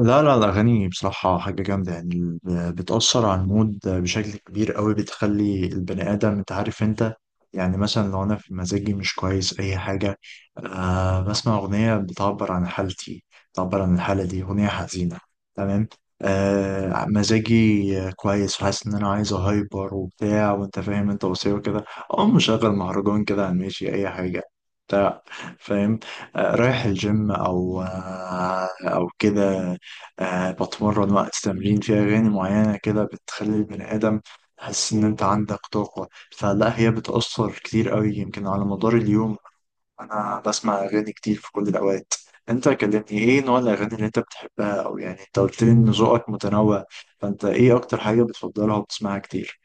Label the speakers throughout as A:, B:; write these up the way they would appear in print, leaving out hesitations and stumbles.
A: لا لا، الأغاني بصراحة حاجة جامدة. يعني بتأثر على المود بشكل كبير قوي، بتخلي البني آدم، أنت عارف أنت. يعني مثلا لو أنا في مزاجي مش كويس أي حاجة، بسمع أغنية بتعبر عن حالتي، بتعبر عن الحالة دي، أغنية حزينة. تمام. مزاجي كويس وحاسس إن أنا عايز أهايبر وبتاع، وأنت فاهم أنت، وصير كده، أقوم مشغل مهرجان كده على الماشي أي حاجة بتاع، فاهم. رايح الجيم أو أو كده، بتمرن وقت تمرين، في أغاني معينة كده بتخلي البني آدم تحس إن أنت عندك طاقة. فلا، هي بتأثر كتير قوي يمكن على مدار اليوم. أنا بسمع أغاني كتير في كل الأوقات. أنت كلمني، إيه نوع الأغاني اللي أنت بتحبها؟ أو يعني أنت قلت لي إن ذوقك متنوع، فأنت إيه أكتر حاجة بتفضلها وبتسمعها كتير؟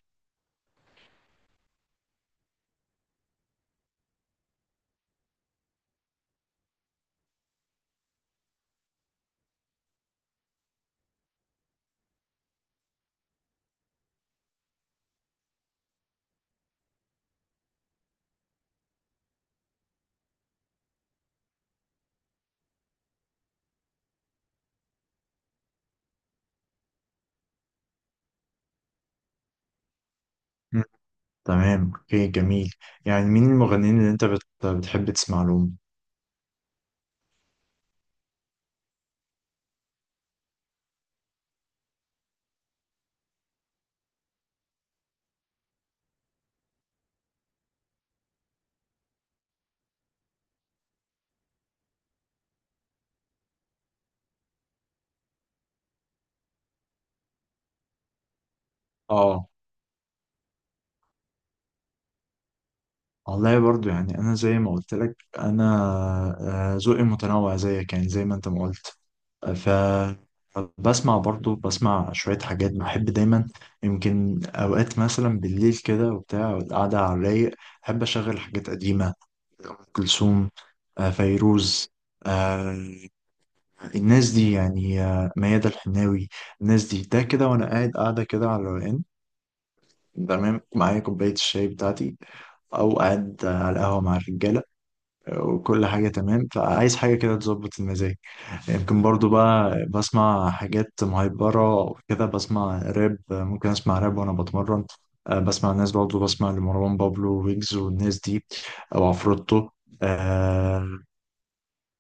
A: مم. تمام، أوكي، جميل. يعني مين المغنيين اللي أنت بتحب تسمع لهم؟ آه، والله برضو يعني انا زي ما قلت لك، انا ذوقي متنوع زيك، يعني زي ما انت ما قلت. ف بسمع برضو، بسمع شوية حاجات بحب دايما. يمكن أوقات مثلا بالليل كده وبتاع، القعدة على الرايق، أحب أشغل حاجات قديمة. أم كلثوم، فيروز، آه، الناس دي يعني، ميادة الحناوي، الناس دي، ده كده وأنا قاعد قاعدة كده على الروقان، تمام، معايا كوباية الشاي بتاعتي، أو قاعد على القهوة مع الرجالة، وكل حاجة تمام. فعايز حاجة كده تظبط المزاج. يمكن برضو بقى بسمع حاجات مهيبرة وكده، بسمع راب، ممكن أسمع راب وأنا بتمرن. بسمع الناس، برضو بسمع لمروان بابلو ويجز والناس دي، أو عفروتو. آه،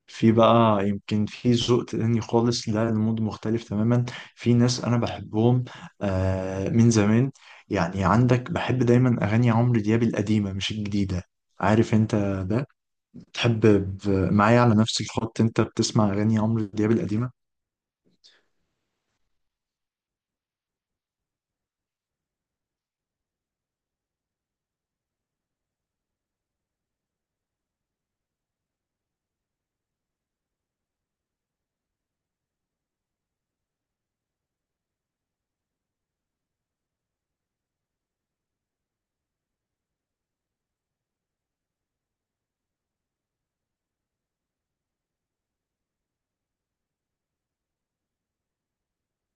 A: في بقى يمكن في ذوق تاني خالص، لا المود مختلف تماما. في ناس أنا بحبهم من زمان. يعني عندك، بحب دايما أغاني عمرو دياب القديمة مش الجديدة، عارف انت ده، تحب معايا على نفس الخط؟ انت بتسمع اغاني عمرو دياب القديمه؟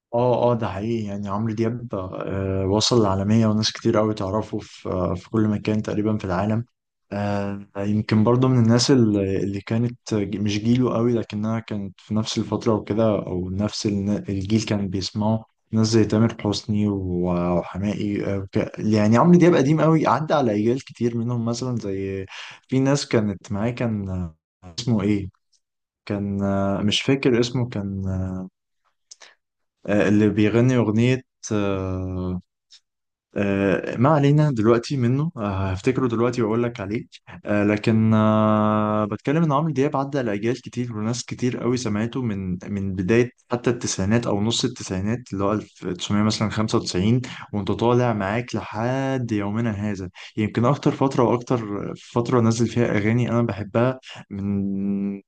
A: اه اه، ده حقيقي. يعني عمرو دياب وصل للعالميه وناس كتير قوي تعرفه في في كل مكان تقريبا في العالم. يمكن برضه من الناس اللي كانت مش جيله قوي، لكنها كانت في نفس الفتره وكده، او نفس الجيل كان بيسمعه. ناس زي تامر حسني وحماقي، يعني عمرو دياب قديم قوي، عدى على اجيال كتير منهم مثلا زي، في ناس كانت معاه، كان اسمه ايه، كان مش فاكر اسمه، كان اللي بيغني أغنية آه، ما علينا دلوقتي منه، هفتكره دلوقتي واقول لك عليه. آه، لكن آه، بتكلم ان عمرو دياب عدى لاجيال كتير، وناس كتير قوي سمعته، من بدايه حتى التسعينات، او نص التسعينات، اللي هو 1900 مثلا 95، وانت طالع معاك لحد يومنا هذا. يمكن اكتر فتره، واكتر فتره نزل فيها اغاني انا بحبها، من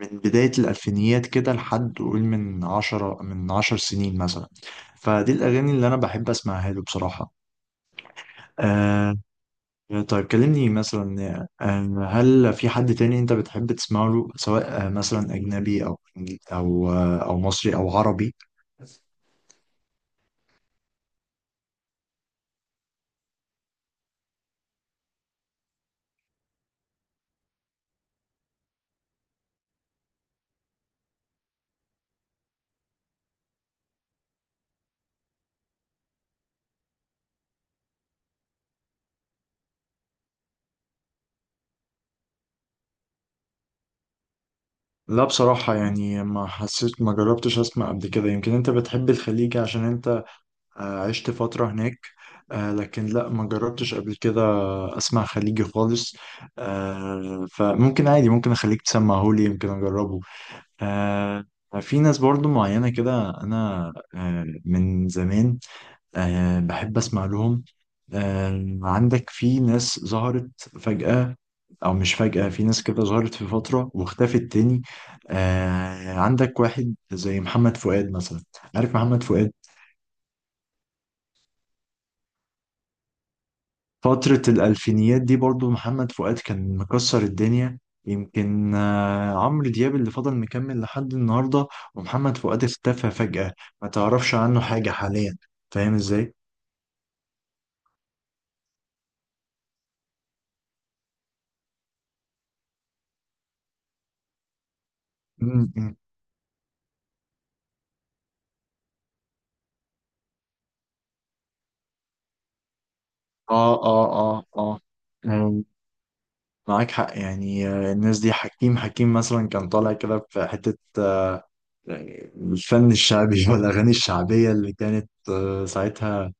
A: بداية الألفينيات كده لحد قول من عشرة، من عشر سنين مثلا، فدي الأغاني اللي أنا بحب أسمعها له بصراحة. آه. طيب، كلمني مثلا، هل في حد تاني انت بتحب تسمع له، سواء مثلا اجنبي او او مصري او عربي. لا بصراحة، يعني ما حسيت، ما جربتش اسمع قبل كده. يمكن انت بتحب الخليج عشان انت عشت فترة هناك. لكن لا، ما جربتش قبل كده اسمع خليجي خالص. فممكن عادي، ممكن اخليك تسمعهولي، يمكن اجربه. آه في ناس برضو معينة كده أنا من زمان بحب أسمع لهم. عندك في ناس ظهرت فجأة، أو مش فجأة، في ناس كده ظهرت في فترة واختفت تاني. عندك واحد زي محمد فؤاد مثلا، عارف محمد فؤاد؟ فترة الألفينيات دي برضو محمد فؤاد كان مكسر الدنيا. يمكن عمرو دياب اللي فضل مكمل لحد النهاردة، ومحمد فؤاد اختفى فجأة، ما تعرفش عنه حاجة حاليا، فاهم ازاي؟ مم، مم. اه اه، اه اه، مم، معاك حق. يعني الناس دي، حكيم، حكيم مثلا كان طالع كده في حتة الفن الشعبي والأغاني الشعبية اللي كانت ساعتها،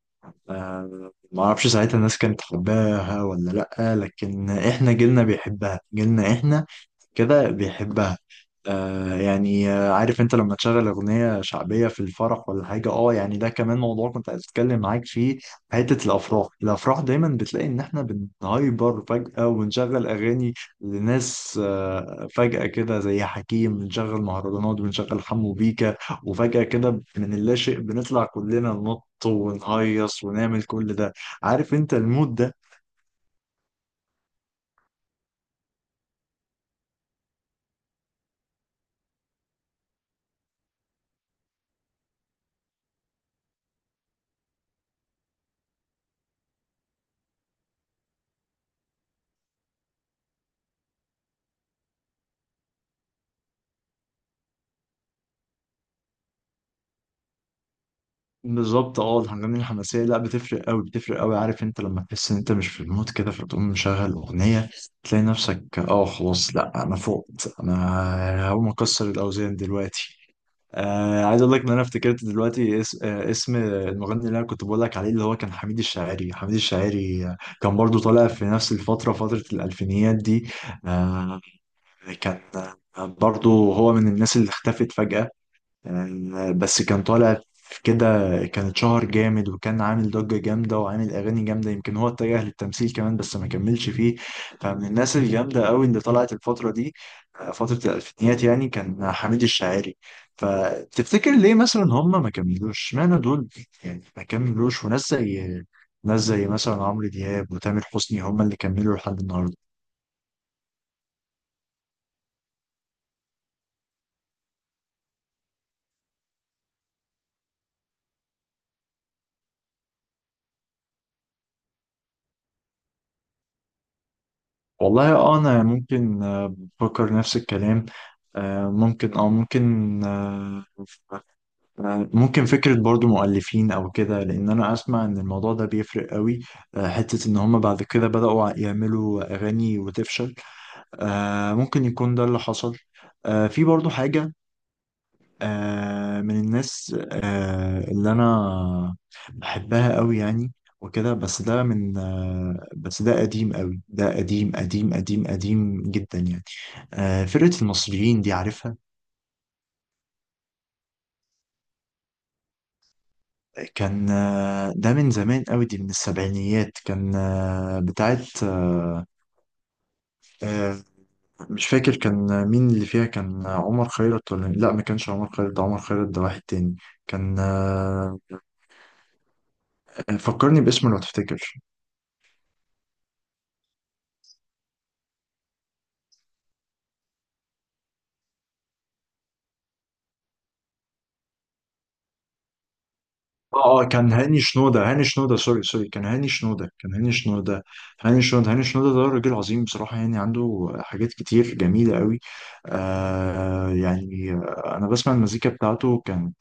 A: ما اعرفش ساعتها الناس كانت حباها ولا لأ، لكن احنا جيلنا بيحبها، جيلنا احنا كده بيحبها. عارف انت لما تشغل اغنية شعبية في الفرح ولا حاجة؟ اه يعني ده كمان موضوع كنت عايز اتكلم معاك فيه. حتة الافراح، دايما بتلاقي ان احنا بنهايبر فجأة ونشغل اغاني لناس فجأة كده زي حكيم، بنشغل مهرجانات، بنشغل حمو بيكا، وفجأة كده من اللا شيء بنطلع كلنا ننط ونهيص ونعمل كل ده، عارف انت المود ده؟ بالظبط. اه، الحاجات دي الحماسيه لا بتفرق قوي، بتفرق قوي. عارف انت لما تحس ان انت مش في المود كده، فتقوم مشغل اغنيه، تلاقي نفسك اه، خلاص لا، انا فقت، انا هقوم اكسر الاوزان دلوقتي. عايز اقول لك ان انا افتكرت دلوقتي اس... آه اسم المغني اللي انا كنت بقول لك عليه، اللي هو كان حميد الشاعري، حميد الشاعري، كان برضو طالع في نفس الفتره، فتره الالفينيات دي. آه، كان برضو هو من الناس اللي اختفت فجاه، بس كان طالع في كده، كان اتشهر جامد، وكان عامل ضجة جامدة، وعامل أغاني جامدة. يمكن هو اتجه للتمثيل كمان بس ما كملش فيه. فمن الناس الجامدة قوي اللي طلعت الفترة دي، فترة الألفينيات، يعني كان حميد الشاعري. فتفتكر ليه مثلا هم ما كملوش، اشمعنى دول يعني ما كملوش؟ وناس زي، ناس زي مثلا عمرو دياب وتامر حسني هم اللي كملوا لحد النهاردة. والله اه، انا ممكن بفكر نفس الكلام. آه، ممكن اه ممكن آه، آه، ممكن فكرة برضو مؤلفين او كده، لان انا اسمع ان الموضوع ده بيفرق قوي، حتة ان هم بعد كده بدأوا يعملوا اغاني وتفشل، ممكن يكون ده اللي حصل. في برضو حاجة من الناس اللي انا بحبها قوي يعني وكده، بس ده من بس ده قديم قوي، ده قديم قديم قديم قديم جدا يعني. فرقة المصريين دي، عارفها؟ كان ده من زمان قوي، دي من السبعينيات، كان بتاعت آه مش فاكر كان مين اللي فيها، كان عمر خيرت ولا لا، ما كانش عمر خيرت، ده عمر خيرت ده واحد تاني. كان فكرني باسمه لو تفتكر. اه اه، كان هاني شنودة، هاني شنودة، سوري سوري، كان هاني شنودة، كان هاني شنودة، هاني شنودة. هاني شنودة ده راجل عظيم بصراحة، يعني عنده حاجات كتير جميلة قوي. أنا بسمع المزيكا بتاعته، كانت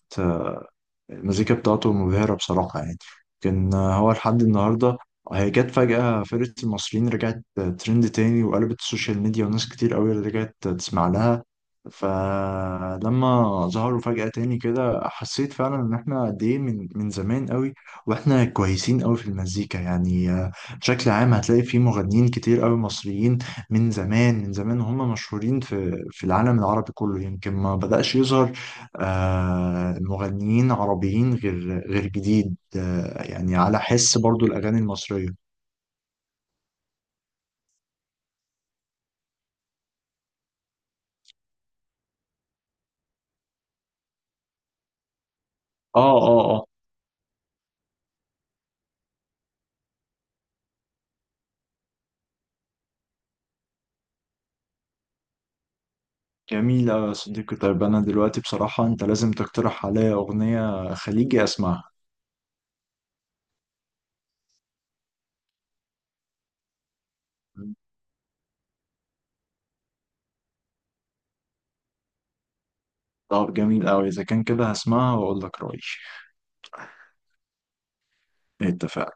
A: المزيكا بتاعته مبهرة بصراحة يعني، كان هو لحد النهاردة. هي جت فجأة، فرقة المصريين رجعت ترند تاني، وقلبت السوشيال ميديا، وناس كتير قوي رجعت تسمع لها. فلما ظهروا فجأة تاني كده، حسيت فعلا ان احنا قد ايه من زمان قوي واحنا كويسين قوي في المزيكا يعني. بشكل عام هتلاقي في مغنيين كتير قوي مصريين من زمان، من زمان، وهم مشهورين في العالم العربي كله. يمكن ما بدأش يظهر المغنيين عربيين غير جديد، يعني على حس برضو الأغاني المصرية. اه اه اه. جميل أوي يا صديقي. طيب أنا دلوقتي بصراحة أنت لازم تقترح عليا أغنية خليجي أسمعها. طب جميل أوي، إذا كان كده هسمعها وأقول لك رأيي. اتفقنا.